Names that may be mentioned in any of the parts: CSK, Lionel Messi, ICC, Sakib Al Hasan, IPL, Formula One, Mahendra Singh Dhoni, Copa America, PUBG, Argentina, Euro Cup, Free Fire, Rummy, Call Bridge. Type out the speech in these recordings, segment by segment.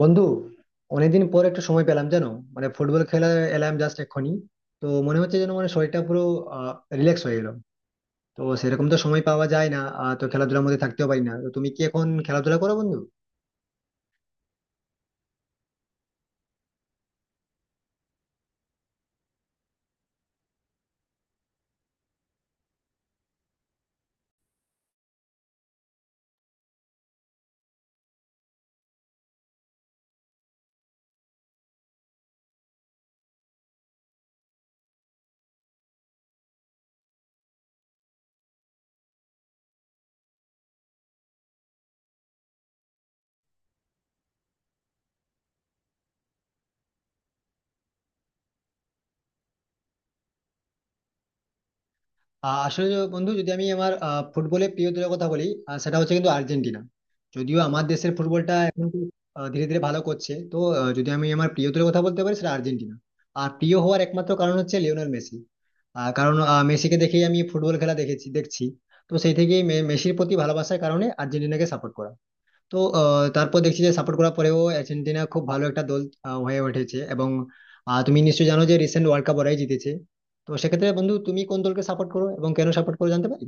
বন্ধু, অনেকদিন পর একটা সময় পেলাম জানো। মানে ফুটবল খেলা এলাম জাস্ট এক্ষুনি। তো মনে হচ্ছে যেন মানে শরীরটা পুরো রিল্যাক্স হয়ে গেল। তো সেরকম তো সময় পাওয়া যায় না, তো খেলাধুলার মধ্যে থাকতেও পারি না। তো তুমি কি এখন খেলাধুলা করো বন্ধু? আসলে বন্ধু, যদি আমি আমার ফুটবলের প্রিয় দলের কথা বলি, সেটা হচ্ছে কিন্তু আর্জেন্টিনা। যদিও আমার দেশের ফুটবলটা এখন তো, ধীরে ধীরে ভালো করছে, তো যদি আমি আমার প্রিয় দলের কথা বলতে পারি সেটা আর্জেন্টিনা। আর প্রিয় হওয়ার একমাত্র কারণ হচ্ছে লিওনেল মেসি। কারণ মেসিকে দেখেই আমি ফুটবল খেলা দেখেছি দেখছি। তো সেই থেকেই মেসির প্রতি ভালোবাসার কারণে আর্জেন্টিনাকে সাপোর্ট করা। তো তারপর দেখছি যে সাপোর্ট করার পরেও আর্জেন্টিনা খুব ভালো একটা দল হয়ে উঠেছে, এবং তুমি নিশ্চয়ই জানো যে রিসেন্ট ওয়ার্ল্ড কাপ ওরাই জিতেছে। তো সেক্ষেত্রে বন্ধু, তুমি কোন দলকে সাপোর্ট করো এবং কেন সাপোর্ট করো জানতে পারি?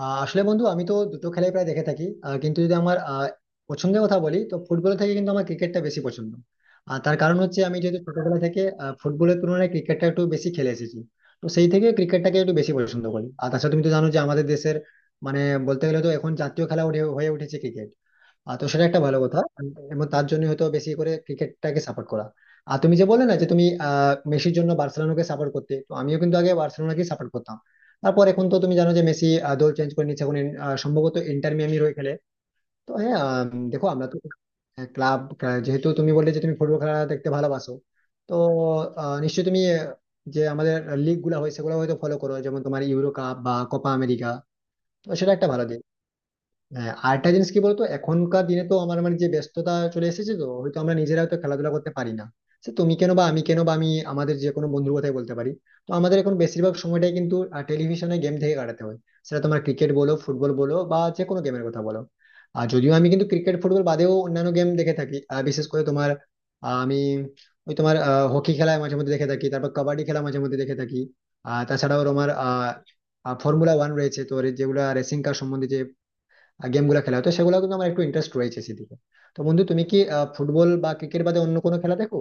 আসলে বন্ধু, আমি তো দুটো খেলাই প্রায় দেখে থাকি, কিন্তু যদি আমার পছন্দের কথা বলি, তো ফুটবল থেকে কিন্তু আমার ক্রিকেটটা বেশি পছন্দ। আর তার কারণ হচ্ছে আমি যেহেতু ছোটবেলা থেকে ফুটবলের তুলনায় ক্রিকেটটা একটু বেশি খেলে এসেছি, তো সেই থেকে ক্রিকেটটাকে একটু বেশি পছন্দ করি। আর তাছাড়া তুমি তো জানো যে আমাদের দেশের মানে বলতে গেলে তো এখন জাতীয় খেলা হয়ে উঠেছে ক্রিকেট। তো সেটা একটা ভালো কথা এবং তার জন্য হয়তো বেশি করে ক্রিকেটটাকে সাপোর্ট করা। আর তুমি যে বললে না যে তুমি মেসির জন্য বার্সেলোনাকে সাপোর্ট করতে, তো আমিও কিন্তু আগে বার্সেলোনাকে সাপোর্ট করতাম। তারপর এখন তো তুমি জানো যে মেসি দল চেঞ্জ করে নিচ্ছে, এখন সম্ভবত ইন্টার মিয়ামির হয়ে খেলে। তো হ্যাঁ, দেখো আমরা তো ক্লাব, যেহেতু তুমি বললে যে তুমি ফুটবল খেলা দেখতে ভালোবাসো, তো নিশ্চয়ই তুমি যে আমাদের লিগ গুলা হয় সেগুলো হয়তো ফলো করো, যেমন তোমার ইউরো কাপ বা কোপা আমেরিকা। তো সেটা একটা ভালো দিক। হ্যাঁ, আরেকটা জিনিস কি বলতো, এখনকার দিনে তো আমার মানে যে ব্যস্ততা চলে এসেছে, তো হয়তো আমরা নিজেরা হয়তো খেলাধুলা করতে পারি না। সে তুমি কেন বা আমি কেন বা আমি আমাদের যে কোনো বন্ধুর কথাই বলতে পারি। তো আমাদের এখন বেশিরভাগ সময়টাই কিন্তু টেলিভিশনে গেম থেকে কাটাতে হয়। সেটা তোমার ক্রিকেট বলো, ফুটবল বলো, বা যে কোনো গেমের কথা বলো। আর যদিও আমি কিন্তু ক্রিকেট ফুটবল বাদেও অন্যান্য গেম দেখে থাকি, বিশেষ করে তোমার আহ, আমি ওই তোমার হকি খেলা মাঝে মধ্যে দেখে থাকি, তারপর কাবাডি খেলা মাঝে মধ্যে দেখে থাকি। আর তাছাড়াও তোমার ফর্মুলা ওয়ান রয়েছে, তো যেগুলা রেসিং কার সম্বন্ধে গেম গুলো খেলা হতো, সেগুলো কিন্তু আমার একটু ইন্টারেস্ট রয়েছে সেদিকে। তো বন্ধু, তুমি কি ফুটবল বা ক্রিকেট বাদে অন্য কোনো খেলা দেখো?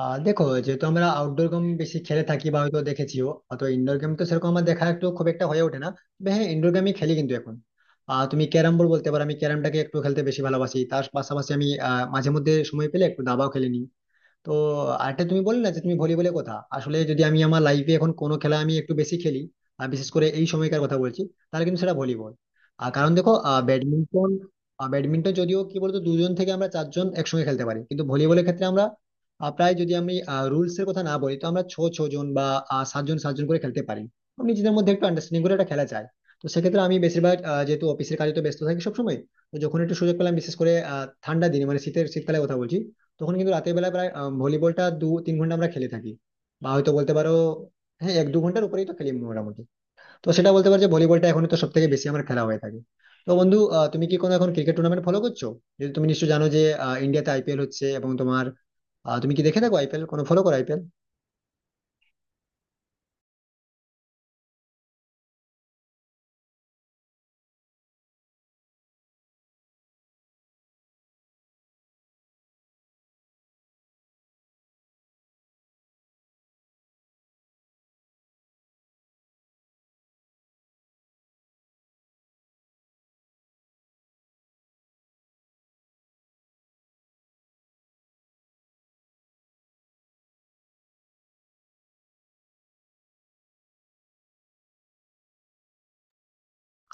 দেখো, যেহেতু আমরা আউটডোর গেম বেশি খেলে থাকি বা হয়তো দেখেছিও, তো ইনডোর গেম তো সেরকম আমার দেখা একটু খুব একটা হয়ে ওঠে না। তবে হ্যাঁ, ইনডোর গেমই খেলি কিন্তু এখন। তুমি ক্যারাম বোর্ড বলতে পারো, আমি ক্যারামটাকে একটু খেলতে বেশি ভালোবাসি। তার পাশাপাশি আমি মাঝে মধ্যে সময় পেলে একটু দাবাও খেলে নিই। তো আরেকটা তুমি বললে না যে তুমি ভলিবলের কথা, আসলে যদি আমি আমার লাইফে এখন কোনো খেলা আমি একটু বেশি খেলি আর বিশেষ করে এই সময়কার কথা বলছি, তাহলে কিন্তু সেটা ভলিবল। আর কারণ দেখো, ব্যাডমিন্টন, ব্যাডমিন্টন যদিও কি বলতো দুজন থেকে আমরা চারজন একসঙ্গে খেলতে পারি, কিন্তু ভলিবলের ক্ষেত্রে আমরা প্রায় যদি আমি রুলস এর কথা না বলি, তো আমরা ছ ছ জন বা সাতজন সাতজন করে খেলতে পারি। তো নিজেদের মধ্যে একটু আন্ডারস্ট্যান্ডিং করে একটা খেলা চাই। তো সেক্ষেত্রে আমি বেশিরভাগ যেহেতু অফিসের কাজে তো ব্যস্ত থাকি সবসময়, তো যখন একটু সুযোগ পেলাম, বিশেষ করে ঠান্ডা দিনে, মানে শীতের শীতকালের কথা বলছি, তখন কিন্তু রাতের বেলা প্রায় ভলিবলটা 2-3 ঘন্টা আমরা খেলে থাকি। বা হয়তো বলতে পারো হ্যাঁ, 1-2 ঘন্টার উপরেই তো খেলি মোটামুটি। তো সেটা বলতে পারো যে ভলিবলটা এখন তো সব থেকে বেশি আমার খেলা হয়ে থাকে। তো বন্ধু, তুমি কি কোনো এখন ক্রিকেট টুর্নামেন্ট ফলো করছো? যদি তুমি নিশ্চয়ই জানো যে ইন্ডিয়াতে IPL হচ্ছে, এবং তোমার তুমি কি দেখে থাকো আইপিএল, কোনো ফলো করো আইপিএল?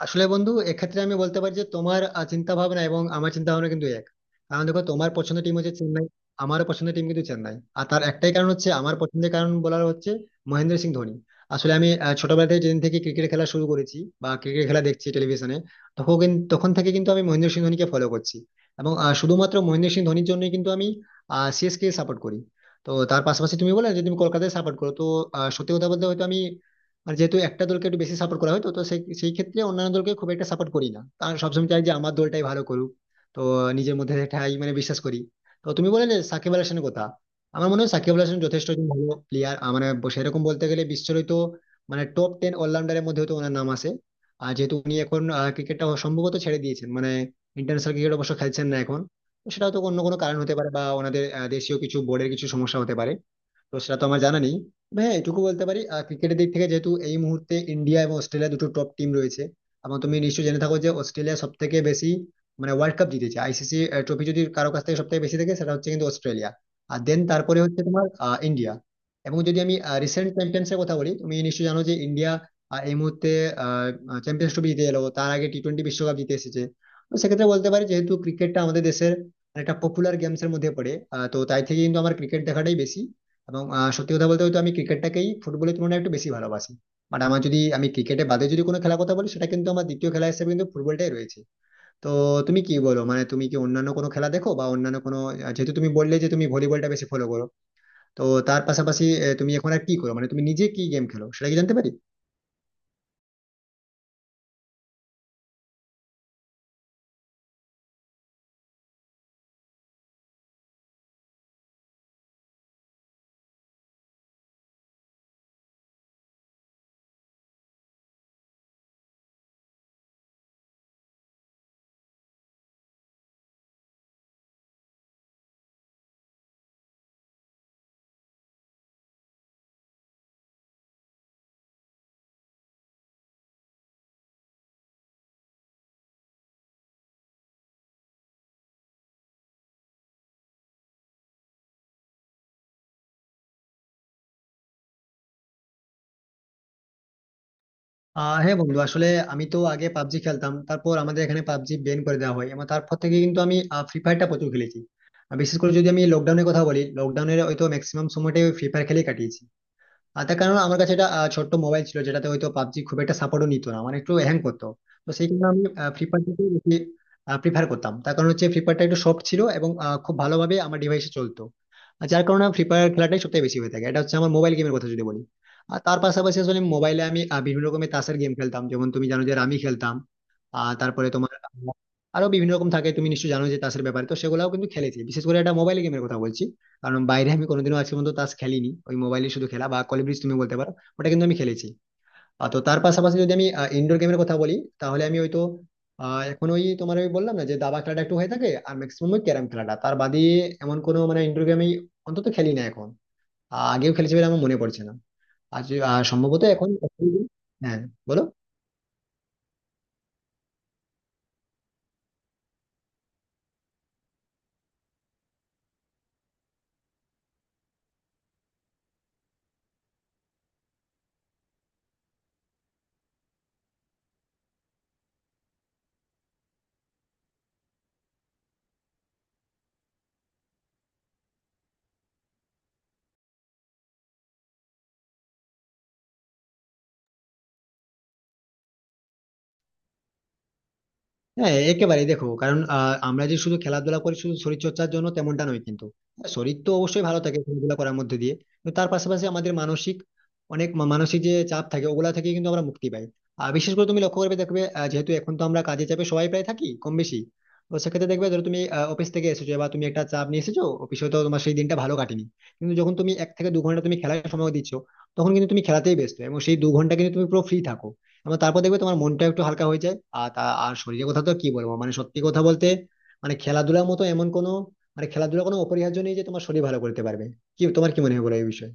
আসলে বন্ধু, এক্ষেত্রে আমি বলতে পারি যে তোমার চিন্তা ভাবনা এবং আমার চিন্তা ভাবনা কিন্তু এক। কারণ দেখো তোমার পছন্দের টিম হচ্ছে চেন্নাই, আমার পছন্দের টিম কিন্তু চেন্নাই। আর তার একটাই কারণ হচ্ছে, আমার পছন্দের কারণ বলার হচ্ছে মহেন্দ্র সিং ধোনি। আসলে আমি ছোটবেলা থেকে যেদিন থেকে ক্রিকেট খেলা শুরু করেছি বা ক্রিকেট খেলা দেখছি টেলিভিশনে, তখন তখন থেকে কিন্তু আমি মহেন্দ্র সিং ধোনিকে ফলো করছি। এবং শুধুমাত্র মহেন্দ্র সিং ধোনির জন্যই কিন্তু আমি CSK সাপোর্ট করি। তো তার পাশাপাশি তুমি বলে যদি তুমি কলকাতায় সাপোর্ট করো, তো সত্যি কথা বলতে হয়তো আমি, আর যেহেতু একটা দলকে একটু বেশি সাপোর্ট করা হয়, তো তো সেই সেই ক্ষেত্রে অন্যান্য দলকে খুব একটা সাপোর্ট করি না, কারণ সবসময় চাই যে আমার দলটাই ভালো করুক। তো নিজের মধ্যে এটাই মানে বিশ্বাস করি। তো তুমি বলে যে সাকিব আল হাসানের কথা, আমার মনে হয় সাকিব আল হাসান যথেষ্ট একজন ভালো প্লেয়ার, মানে সেরকম বলতে গেলে বিশ্বের হয়তো মানে টপ টেন অলরাউন্ডারের মধ্যে হয়তো ওনার নাম আসে। আর যেহেতু উনি এখন ক্রিকেটটা সম্ভবত ছেড়ে দিয়েছেন, মানে ইন্টারন্যাশনাল ক্রিকেট অবশ্য খেলছেন না এখন, তো সেটা হয়তো অন্য কোনো কারণ হতে পারে বা ওনাদের দেশীয় কিছু বোর্ডের কিছু সমস্যা হতে পারে। তো সেটা তো আমার জানা নেই। তবে হ্যাঁ, এটুকু বলতে পারি, ক্রিকেটের দিক থেকে যেহেতু এই মুহূর্তে ইন্ডিয়া এবং অস্ট্রেলিয়া দুটো টপ টিম রয়েছে, এবং তুমি নিশ্চয়ই জেনে থাকো যে অস্ট্রেলিয়া সব থেকে বেশি মানে ওয়ার্ল্ড কাপ জিতেছে। ICC ট্রফি যদি কারো কাছ থেকে সব থেকে বেশি থাকে সেটা হচ্ছে কিন্তু অস্ট্রেলিয়া। আর দেন তারপরে হচ্ছে তোমার ইন্ডিয়া। এবং যদি আমি রিসেন্ট চ্যাম্পিয়ন্স এর কথা বলি, তুমি নিশ্চয়ই জানো যে ইন্ডিয়া এই মুহূর্তে চ্যাম্পিয়ন্স ট্রফি জিতে এলো, তার আগে টি-20 বিশ্বকাপ জিতে এসেছে। তো সেক্ষেত্রে বলতে পারি যেহেতু ক্রিকেটটা আমাদের দেশের একটা পপুলার গেমস এর মধ্যে পড়ে, তো তাই থেকে কিন্তু আমার ক্রিকেট দেখাটাই বেশি। এবং সত্যি কথা বলতে হয়তো আমি ক্রিকেটটাকেই ফুটবলের তুলনায় একটু বেশি ভালোবাসি। বাট আমার যদি আমি ক্রিকেটে বাদে যদি কোনো খেলার কথা বলি, সেটা কিন্তু আমার দ্বিতীয় খেলা হিসেবে কিন্তু ফুটবলটাই রয়েছে। তো তুমি কি বলো মানে তুমি কি অন্যান্য কোনো খেলা দেখো বা অন্যান্য কোনো, যেহেতু তুমি বললে যে তুমি ভলিবলটা বেশি ফলো করো, তো তার পাশাপাশি তুমি এখন আর কি করো, মানে তুমি নিজে কি গেম খেলো সেটা কি জানতে পারি? হ্যাঁ বন্ধু, আসলে আমি তো আগে পাবজি খেলতাম, তারপর আমাদের এখানে পাবজি ব্যান করে দেওয়া হয়, এবং তারপর থেকে কিন্তু আমি ফ্রি ফায়ারটা প্রচুর খেলেছি। আর বিশেষ করে যদি আমি লকডাউনের কথা বলি, লকডাউনের হয়তো ম্যাক্সিমাম সময়টাই ফ্রি ফায়ার খেলে কাটিয়েছি। আর তার কারণ আমার কাছে এটা ছোট্ট মোবাইল ছিল, যেটাতে হয়তো পাবজি খুব একটা সাপোর্টও নিত না, মানে একটু হ্যাং করতো। তো সেই কারণে আমি ফ্রি ফায়ারটাকেই বেশি প্রিফার করতাম। তার কারণ হচ্ছে ফ্রি ফায়ারটা একটু সফট ছিল এবং খুব ভালোভাবে আমার ডিভাইসে চলতো। আর যার কারণে ফ্রি ফায়ার খেলাটাই সবথেকে বেশি হয়ে থাকে, এটা হচ্ছে আমার মোবাইল গেমের কথা যদি বলি। আর তার পাশাপাশি আসলে মোবাইলে আমি বিভিন্ন রকমের তাসের গেম খেলতাম, যেমন তুমি জানো যে রামি খেলতাম। তারপরে তোমার আরো বিভিন্ন রকম থাকে, তুমি নিশ্চয়ই জানো যে তাসের ব্যাপারে, তো সেগুলাও কিন্তু খেলেছি, বিশেষ করে এটা মোবাইল গেমের কথা বলছি। কারণ বাইরে আমি কোনোদিনও আজকে পর্যন্ত তাস খেলিনি, ওই মোবাইলে শুধু খেলা বা কল ব্রিজ তুমি বলতে পারো, ওটা কিন্তু আমি খেলেছি। তো তার পাশাপাশি যদি আমি ইনডোর গেমের কথা বলি, তাহলে আমি হয়তো এখন ওই তোমার ওই বললাম না যে দাবা খেলাটা একটু হয়ে থাকে, আর ম্যাক্সিমাম ওই ক্যারাম খেলাটা, তার বাদে এমন কোনো মানে ইনডোর গেম আমি অন্তত খেলি না এখন। আগেও খেলেছি বলে আমার মনে পড়ছে না। আর সম্ভবত এখন। হ্যাঁ, বলো। হ্যাঁ, একেবারেই। দেখো, কারণ আমরা যে শুধু খেলাধুলা করি শুধু শরীর চর্চার জন্য তেমনটা নয় কিন্তু, হ্যাঁ, শরীর তো অবশ্যই ভালো থাকে খেলাধুলা করার মধ্যে দিয়ে, কিন্তু তার পাশাপাশি আমাদের মানসিক, অনেক মানসিক যে চাপ থাকে ওগুলা থেকে কিন্তু আমরা মুক্তি পাই। আর বিশেষ করে তুমি লক্ষ্য করবে দেখবে, যেহেতু এখন তো আমরা কাজে চাপে সবাই প্রায় থাকি কম বেশি, তো সেক্ষেত্রে দেখবে ধরো তুমি অফিস থেকে এসেছো বা তুমি একটা চাপ নিয়ে এসেছো অফিসে, তো তোমার সেই দিনটা ভালো কাটেনি, কিন্তু যখন তুমি 1 থেকে 2 ঘন্টা তুমি খেলার সময় দিচ্ছ, তখন কিন্তু তুমি খেলাতেই ব্যস্ত এবং সেই 2 ঘন্টা কিন্তু তুমি পুরো ফ্রি থাকো। এবং তারপর দেখবে তোমার মনটা একটু হালকা হয়ে যায়। আর আর শরীরের কথা তো কি বলবো, মানে সত্যি কথা বলতে মানে খেলাধুলার মতো এমন কোনো মানে খেলাধুলা কোনো অপরিহার্য নেই যে তোমার শরীর ভালো করতে পারবে। কি, তোমার কি মনে হয় বলো এই বিষয়ে?